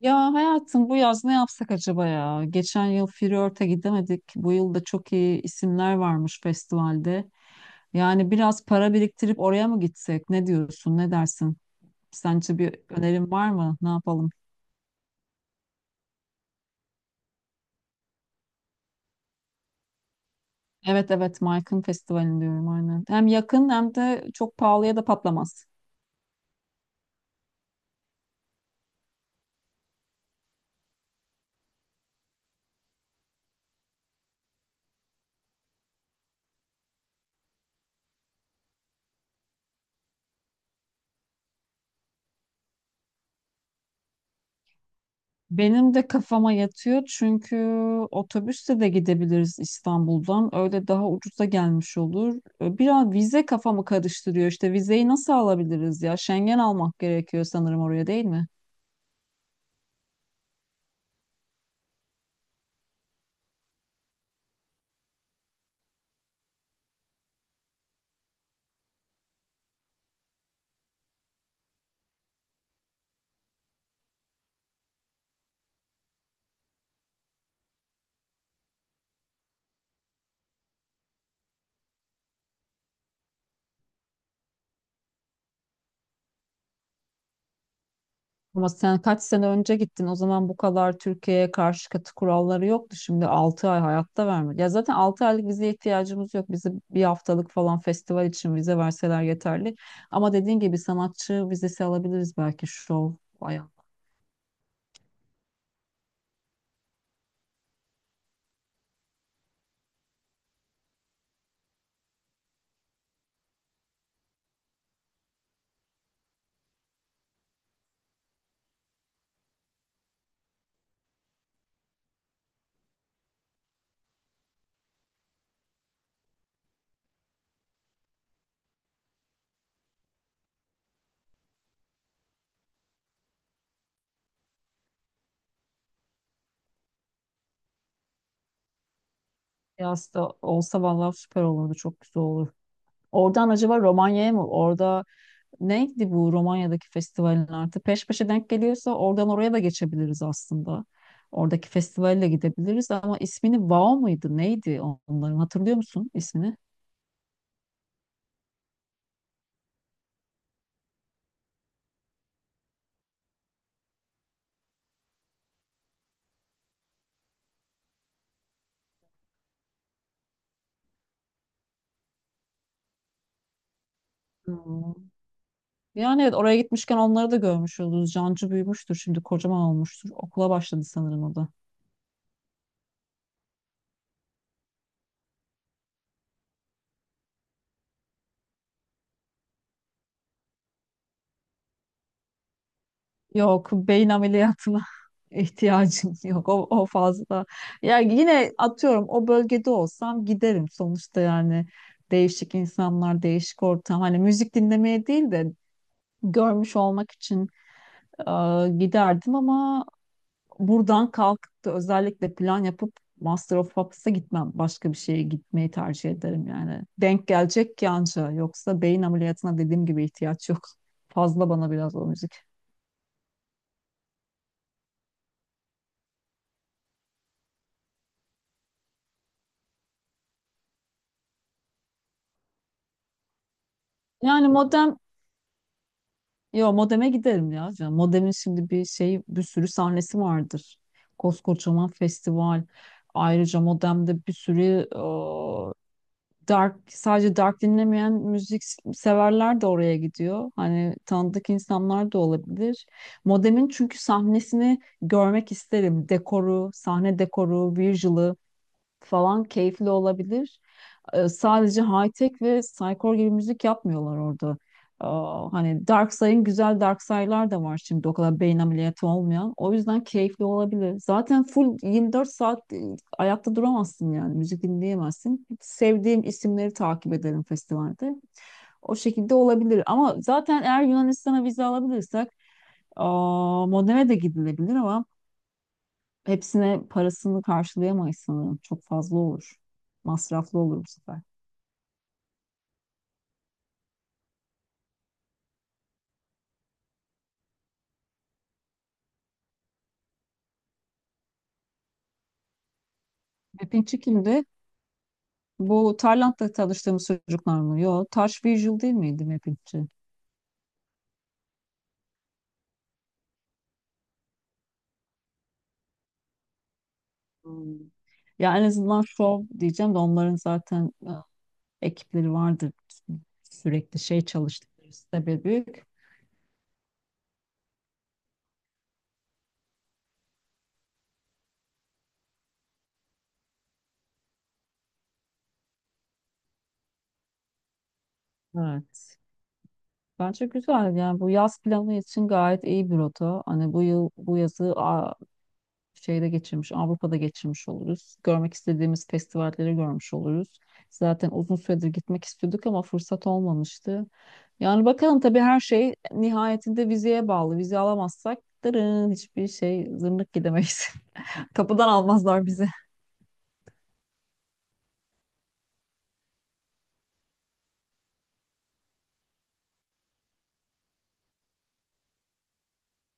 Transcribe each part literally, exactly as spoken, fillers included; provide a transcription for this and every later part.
Ya hayatım bu yaz ne yapsak acaba ya? Geçen yıl Flört'e gidemedik. Bu yıl da çok iyi isimler varmış festivalde. Yani biraz para biriktirip oraya mı gitsek? Ne diyorsun? Ne dersin? Sence bir önerin var mı? Ne yapalım? Evet evet, Mike'ın festivalini diyorum aynen. Hem yakın hem de çok pahalıya da patlamaz. Benim de kafama yatıyor çünkü otobüsle de gidebiliriz İstanbul'dan. Öyle daha ucuza gelmiş olur. Ee, Biraz vize kafamı karıştırıyor. İşte vizeyi nasıl alabiliriz ya? Schengen almak gerekiyor sanırım oraya, değil mi? Ama sen kaç sene önce gittin. O zaman bu kadar Türkiye'ye karşı katı kuralları yoktu. Şimdi altı ay hayatta vermedi. Ya zaten altı aylık vizeye ihtiyacımız yok. Bize bir haftalık falan festival için vize verseler yeterli. Ama dediğin gibi sanatçı vizesi alabiliriz, belki şov. Yaz da olsa vallahi süper olurdu. Çok güzel olur. Oradan acaba Romanya'ya mı? Orada neydi bu Romanya'daki festivalin artık? Peş peşe denk geliyorsa oradan oraya da geçebiliriz aslında. Oradaki festivalle gidebiliriz ama ismini Vao mıydı? Neydi onların? Hatırlıyor musun ismini? Hmm. Yani evet, oraya gitmişken onları da görmüş oluruz. Cancı büyümüştür şimdi, kocaman olmuştur. Okula başladı sanırım o da. Yok, beyin ameliyatına ihtiyacım yok, o, o fazla. Yani yine atıyorum, o bölgede olsam giderim sonuçta yani, değişik insanlar, değişik ortam, hani müzik dinlemeye değil de görmüş olmak için e, giderdim ama buradan kalkıp da özellikle plan yapıp Master of Puppets'a gitmem. Başka bir şeye gitmeyi tercih ederim yani. Denk gelecek ki anca. Yoksa beyin ameliyatına dediğim gibi ihtiyaç yok. Fazla bana biraz o müzik. Yani modern Yo, modeme giderim ya canım. Modemin şimdi bir şey, bir sürü sahnesi vardır. Koskocaman festival. Ayrıca modemde bir sürü e, dark, sadece dark dinlemeyen müzik severler de oraya gidiyor. Hani tanıdık insanlar da olabilir. Modemin çünkü sahnesini görmek isterim. Dekoru, sahne dekoru, visual'ı falan keyifli olabilir, e, sadece high-tech ve psycore gibi müzik yapmıyorlar orada. Aa, hani Darksay'ın, güzel Darksay'lar da var şimdi, o kadar beyin ameliyatı olmayan. O yüzden keyifli olabilir. Zaten full yirmi dört saat e, ayakta duramazsın yani, müzik dinleyemezsin. Sevdiğim isimleri takip ederim festivalde. O şekilde olabilir ama zaten eğer Yunanistan'a vize alabilirsek aa, Modene de gidilebilir ama hepsine parasını karşılayamayız sanırım. Çok fazla olur. Masraflı olur bu sefer. Mappingçi kimdi? Bu Tayland'da tanıştığımız çocuklar mı? Yo, Taş Visual değil miydi Mappingçi? Hmm. Ya en azından Show diyeceğim de onların zaten e, ekipleri vardır. Sürekli şey çalıştıkları site büyük. Evet. Bence güzel. Yani bu yaz planı için gayet iyi bir rota. Hani bu yıl bu yazı şeyde geçirmiş, Avrupa'da geçirmiş oluruz. Görmek istediğimiz festivalleri görmüş oluruz. Zaten uzun süredir gitmek istiyorduk ama fırsat olmamıştı. Yani bakalım, tabii her şey nihayetinde vizeye bağlı. Vize alamazsak dırın hiçbir şey, zırnık gidemeyiz. Kapıdan almazlar bizi.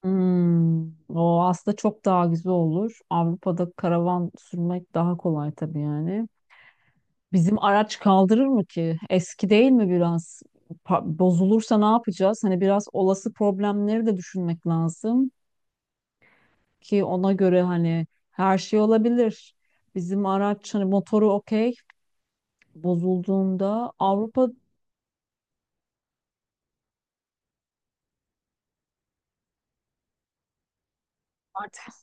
Hmm, o aslında çok daha güzel olur. Avrupa'da karavan sürmek daha kolay tabii yani. Bizim araç kaldırır mı ki? Eski değil mi biraz? Pa- Bozulursa ne yapacağız? Hani biraz olası problemleri de düşünmek lazım ki ona göre, hani her şey olabilir. Bizim araç hani motoru okey, bozulduğunda Avrupa artık.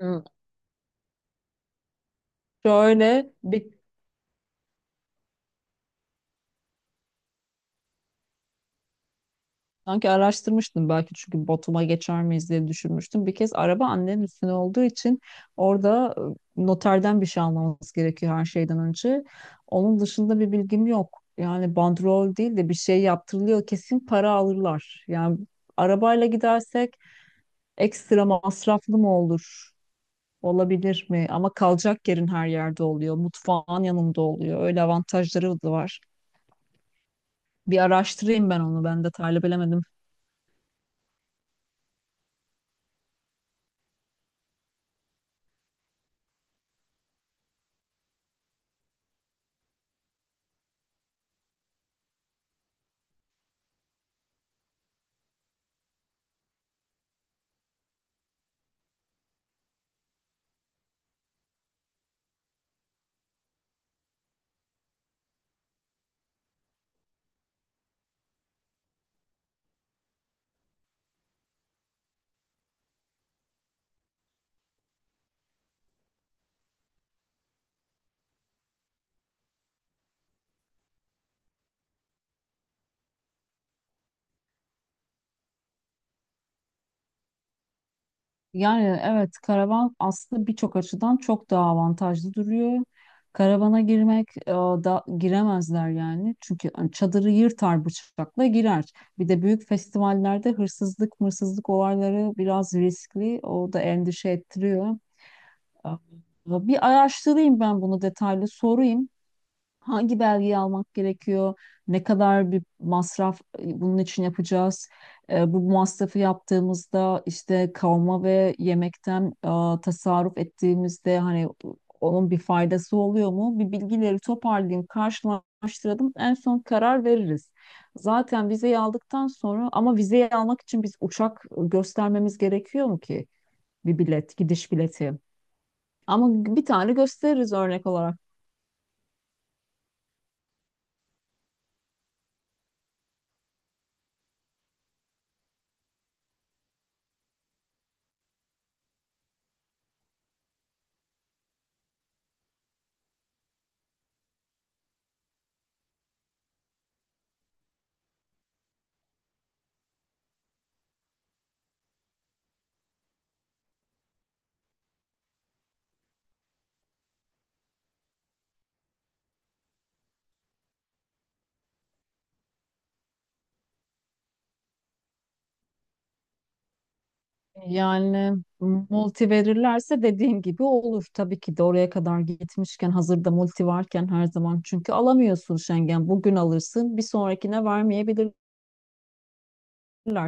Hı. şöyle bir Sanki araştırmıştım belki, çünkü Batum'a geçer miyiz diye düşünmüştüm. Bir kez araba annenin üstüne olduğu için orada e, noterden bir şey almamız gerekiyor her şeyden önce. Onun dışında bir bilgim yok. Yani bandrol değil de bir şey yaptırılıyor kesin, para alırlar. Yani arabayla gidersek ekstra masraflı mı olur? Olabilir mi? Ama kalacak yerin her yerde oluyor. Mutfağın yanında oluyor. Öyle avantajları da var. Bir araştırayım ben onu. Ben detaylı bilemedim. Yani evet, karavan aslında birçok açıdan çok daha avantajlı duruyor. Karavana girmek e, da giremezler yani. Çünkü hani çadırı yırtar, bıçakla girer. Bir de büyük festivallerde hırsızlık, mırsızlık olayları biraz riskli. O da endişe ettiriyor. E, Bir araştırayım ben bunu detaylı, sorayım. Hangi belgeyi almak gerekiyor? Ne kadar bir masraf e, bunun için yapacağız? E, bu masrafı yaptığımızda işte kavma ve yemekten e, tasarruf ettiğimizde hani onun bir faydası oluyor mu? Bir bilgileri toparlayayım, karşılaştıralım. En son karar veririz. Zaten vizeyi aldıktan sonra, ama vizeyi almak için biz uçak göstermemiz gerekiyor mu ki? Bir bilet, gidiş bileti. Ama bir tane gösteririz örnek olarak. Yani multi verirlerse dediğin gibi olur. Tabii ki de oraya kadar gitmişken hazırda multi varken, her zaman çünkü alamıyorsun Schengen. Bugün alırsın, bir sonrakine vermeyebilirler.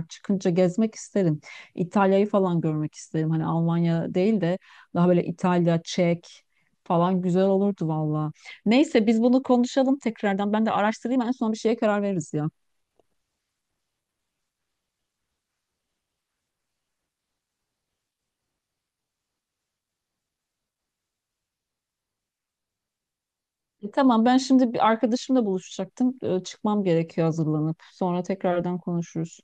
Çıkınca gezmek isterim. İtalya'yı falan görmek isterim. Hani Almanya değil de daha böyle İtalya, Çek falan güzel olurdu valla. Neyse, biz bunu konuşalım tekrardan. Ben de araştırayım, en son bir şeye karar veririz ya. E, tamam, ben şimdi bir arkadaşımla buluşacaktım. E, çıkmam gerekiyor hazırlanıp. Sonra tekrardan konuşuruz.